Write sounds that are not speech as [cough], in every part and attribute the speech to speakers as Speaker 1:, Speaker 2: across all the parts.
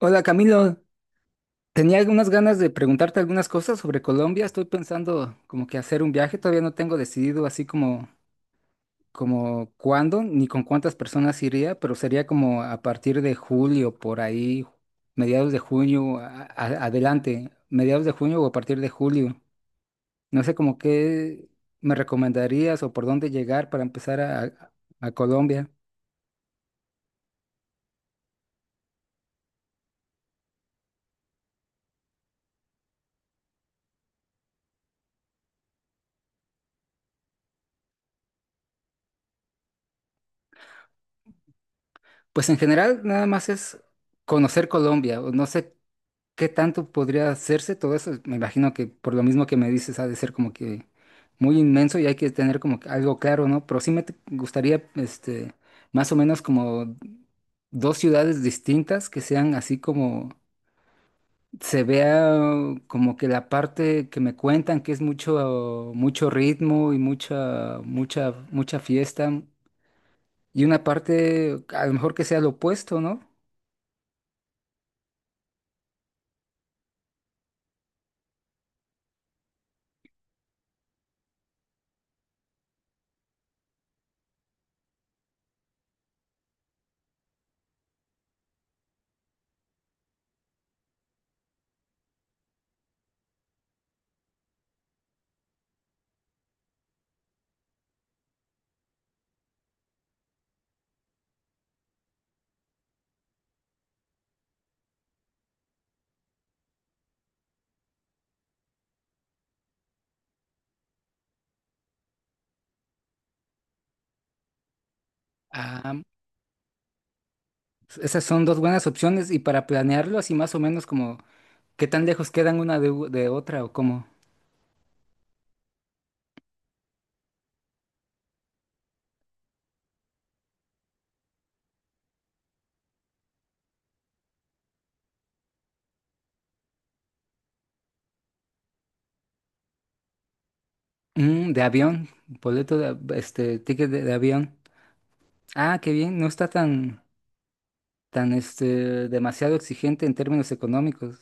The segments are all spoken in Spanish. Speaker 1: Hola Camilo, tenía algunas ganas de preguntarte algunas cosas sobre Colombia. Estoy pensando como que hacer un viaje, todavía no tengo decidido así como cuándo ni con cuántas personas iría, pero sería como a partir de julio, por ahí, mediados de junio, adelante, mediados de junio o a partir de julio. No sé como qué me recomendarías o por dónde llegar para empezar a Colombia. Pues en general nada más es conocer Colombia, o no sé. ¿Qué tanto podría hacerse todo eso? Me imagino que por lo mismo que me dices ha de ser como que muy inmenso y hay que tener como que algo claro, ¿no? Pero sí me gustaría, este, más o menos como dos ciudades distintas que sean así como se vea como que la parte que me cuentan que es mucho mucho ritmo y mucha mucha mucha fiesta y una parte a lo mejor que sea lo opuesto, ¿no? Ah, esas son dos buenas opciones y para planearlo así más o menos como, ¿qué tan lejos quedan una de, de otra o cómo? De avión, boleto de, este, ticket de avión. Ah, qué bien, no está tan, tan, este, demasiado exigente en términos económicos.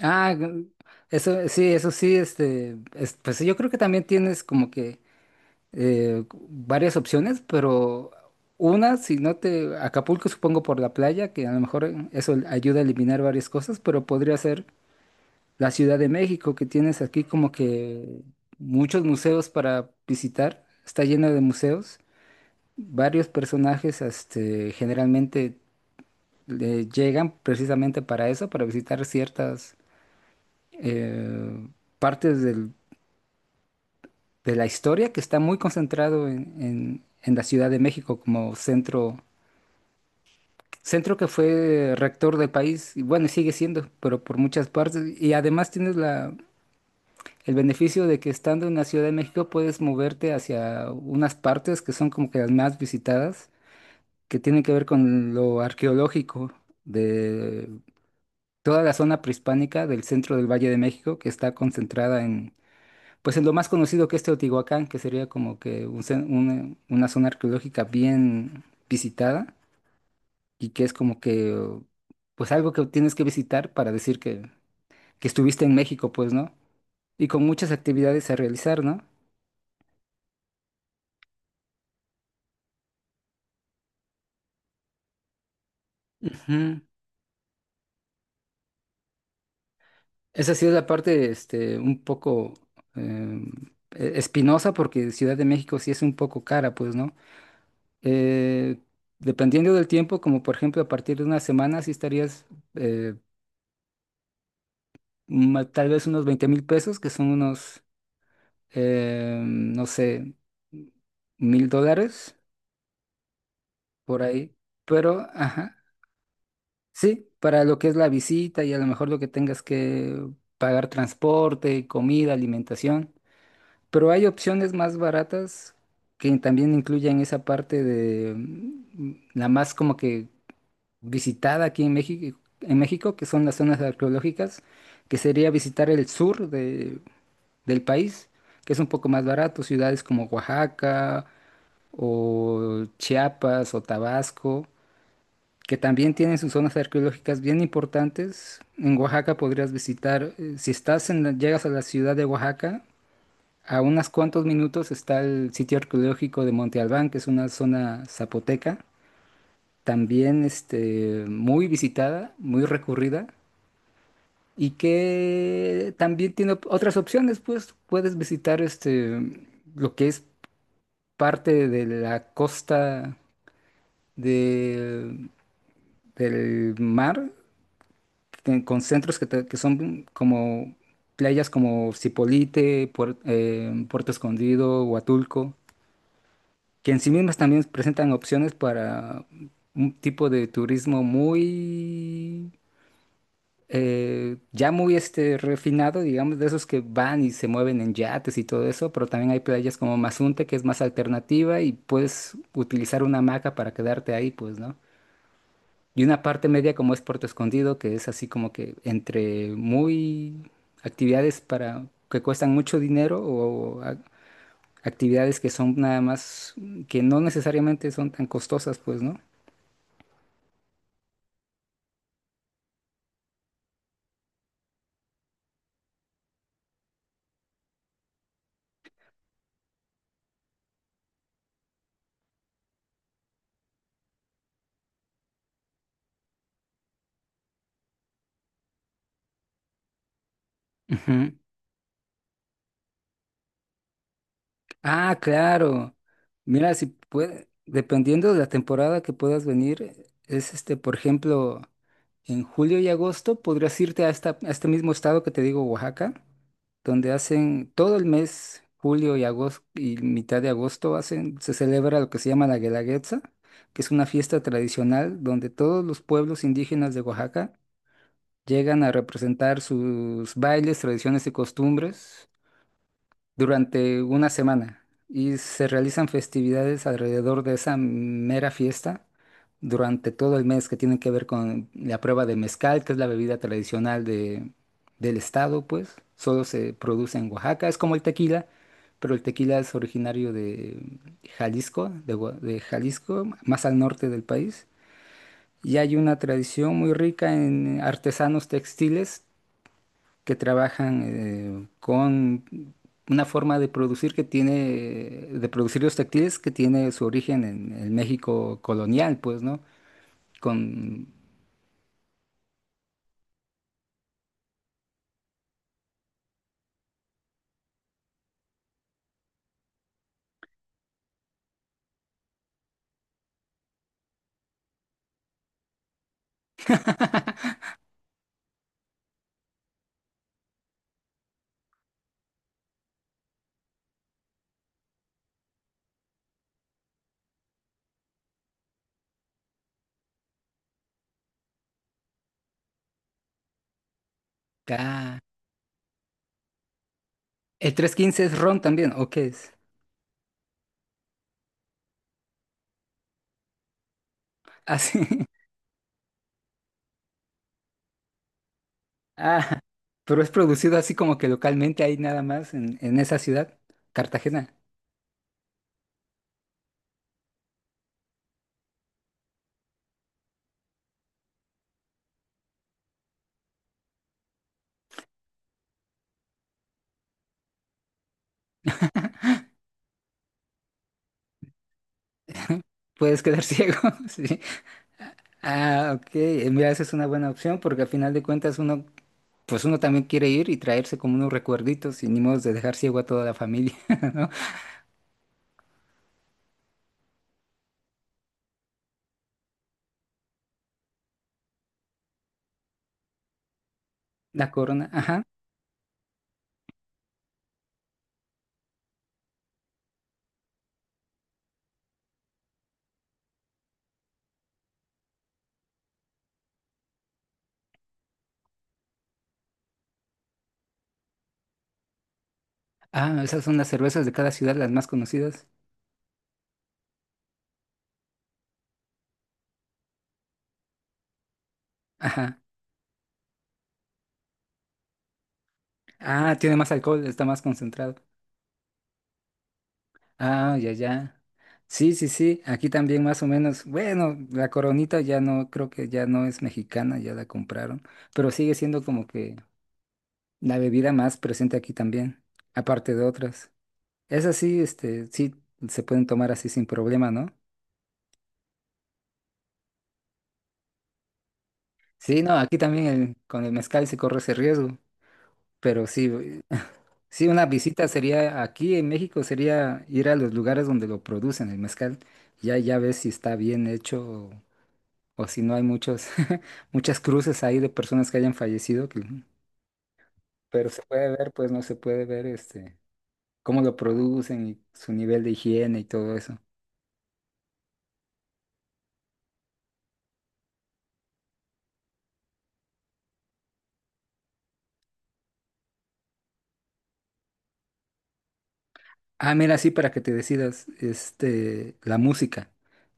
Speaker 1: Ah, eso sí, este, pues sí, yo creo que también tienes como que varias opciones, pero una, si no te, Acapulco supongo por la playa, que a lo mejor eso ayuda a eliminar varias cosas, pero podría ser la Ciudad de México, que tienes aquí como que muchos museos para visitar, está lleno de museos. Varios personajes, este, generalmente llegan precisamente para eso, para visitar ciertas eh, partes de la historia que está muy concentrado en, en la Ciudad de México como centro, centro que fue rector del país, y bueno, sigue siendo, pero por muchas partes. Y además tienes el beneficio de que estando en la Ciudad de México puedes moverte hacia unas partes que son como que las más visitadas, que tienen que ver con lo arqueológico de toda la zona prehispánica del centro del Valle de México, que está concentrada en, pues en lo más conocido que es Teotihuacán, que sería como que un una zona arqueológica bien visitada y que es como que, pues algo que tienes que visitar para decir que estuviste en México, pues, ¿no? Y con muchas actividades a realizar, ¿no? Ujú. Esa sí es la parte, este, un poco eh, espinosa porque Ciudad de México sí es un poco cara, pues, ¿no? Eh, dependiendo del tiempo, como por ejemplo a partir de una semana, sí estarías, eh, tal vez unos 20,000 pesos, que son unos, no sé, 1,000 dólares por ahí. Pero, ajá, sí, para lo que es la visita y a lo mejor lo que tengas que pagar transporte, comida, alimentación. Pero hay opciones más baratas que también incluyen esa parte de la más como que visitada aquí en México, que son las zonas arqueológicas, que sería visitar el sur del país, que es un poco más barato, ciudades como Oaxaca o Chiapas o Tabasco, que también tienen sus zonas arqueológicas bien importantes. En Oaxaca podrías visitar, si estás en llegas a la ciudad de Oaxaca, a unos cuantos minutos está el sitio arqueológico de Monte Albán, que es una zona zapoteca, también este, muy visitada, muy recurrida, y que también tiene otras opciones, pues puedes visitar este, lo que es parte de la costa de- del mar, que, con centros que, que son como playas como Zipolite, Puerto Escondido, Huatulco, que en sí mismas también presentan opciones para un tipo de turismo muy, ya muy este, refinado, digamos, de esos que van y se mueven en yates y todo eso, pero también hay playas como Mazunte, que es más alternativa y puedes utilizar una hamaca para quedarte ahí, pues, ¿no? Y una parte media como es Puerto Escondido, que es así como que entre muy actividades para que cuestan mucho dinero o, actividades que son nada más, que no necesariamente son tan costosas, pues, ¿no? Ujú. Ah, claro. Mira, si puede, dependiendo de la temporada que puedas venir, es este, por ejemplo, en julio y agosto podrías irte a, esta, a este mismo estado que te digo, Oaxaca, donde hacen todo el mes, julio y agosto y mitad de agosto hacen, se celebra lo que se llama la Guelaguetza, que es una fiesta tradicional donde todos los pueblos indígenas de Oaxaca llegan a representar sus bailes, tradiciones y costumbres durante una semana y se realizan festividades alrededor de esa mera fiesta durante todo el mes que tienen que ver con la prueba de mezcal, que es la bebida tradicional de, del estado, pues solo se produce en Oaxaca, es como el tequila, pero el tequila es originario de Jalisco, de Jalisco, más al norte del país. Y hay una tradición muy rica en artesanos textiles que trabajan con una forma de producir que tiene, de producir los textiles que tiene su origen en el México colonial, pues, ¿no? Con... [laughs] Ah, ¿el 315 es ron también, o qué es? [laughs] Así. Ah, sí. [laughs] Ah, pero ¿es producido así como que localmente ahí nada más en esa ciudad, Cartagena? Puedes quedar [laughs] ciego, sí. Ah, ok. Mira, esa es una buena opción porque al final de cuentas uno, pues uno también quiere ir y traerse como unos recuerditos y ni modo de dejar ciego a toda la familia, [laughs] ¿no? La Corona, ajá. Ah, esas son las cervezas de cada ciudad, las más conocidas. Ajá. Ah, tiene más alcohol, está más concentrado. Ah, ya, ya. Sí, sí, sí, aquí también más o menos. Bueno, la Coronita ya no, creo que ya no es mexicana, ya la compraron, pero sigue siendo como que la bebida más presente aquí también, aparte de otras. Esas sí, este, sí, se pueden tomar así sin problema, ¿no? Sí, no, aquí también con el mezcal se corre ese riesgo, pero sí, [laughs] sí, una visita sería, aquí en México sería ir a los lugares donde lo producen el mezcal, ya ves si está bien hecho o si no hay muchos [laughs] muchas cruces ahí de personas que hayan fallecido, que... pero se puede ver, pues no se puede ver este cómo lo producen y su nivel de higiene y todo eso. Ah, mira, sí, para que te decidas, este, la música.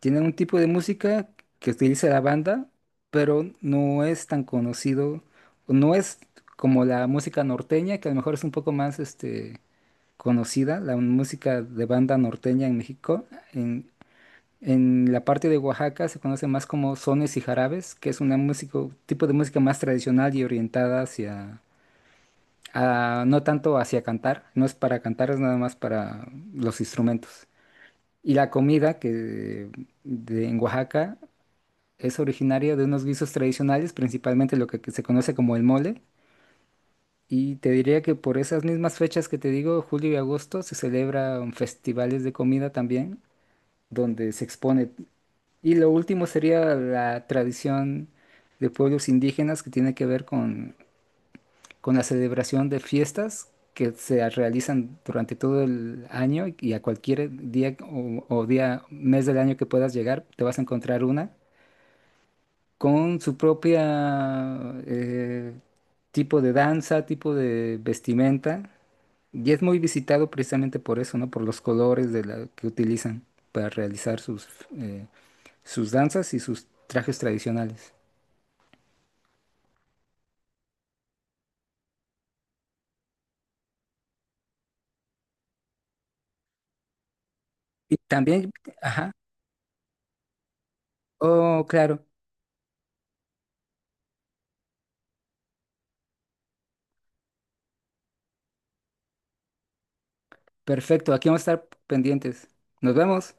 Speaker 1: Tienen un tipo de música que utiliza la banda, pero no es tan conocido, o no es como la música norteña, que a lo mejor es un poco más, este, conocida, la música de banda norteña en México. En, en la parte de Oaxaca se conoce más como sones y jarabes, que es una música, tipo de música más tradicional y orientada hacia, no tanto hacia cantar, no es para cantar, es nada más para los instrumentos. Y la comida que de, en Oaxaca es originaria de unos guisos tradicionales, principalmente lo que, se conoce como el mole. Y te diría que por esas mismas fechas que te digo, julio y agosto, se celebran festivales de comida también, donde se expone. Y lo último sería la tradición de pueblos indígenas que tiene que ver con la celebración de fiestas que se realizan durante todo el año y a cualquier día o día, mes del año que puedas llegar, te vas a encontrar una con su propia tipo de danza, tipo de vestimenta. Y es muy visitado precisamente por eso, ¿no? Por los colores de que utilizan para realizar sus, eh, sus danzas y sus trajes tradicionales. Y también, ajá, oh, claro. Perfecto, aquí vamos a estar pendientes. Nos vemos.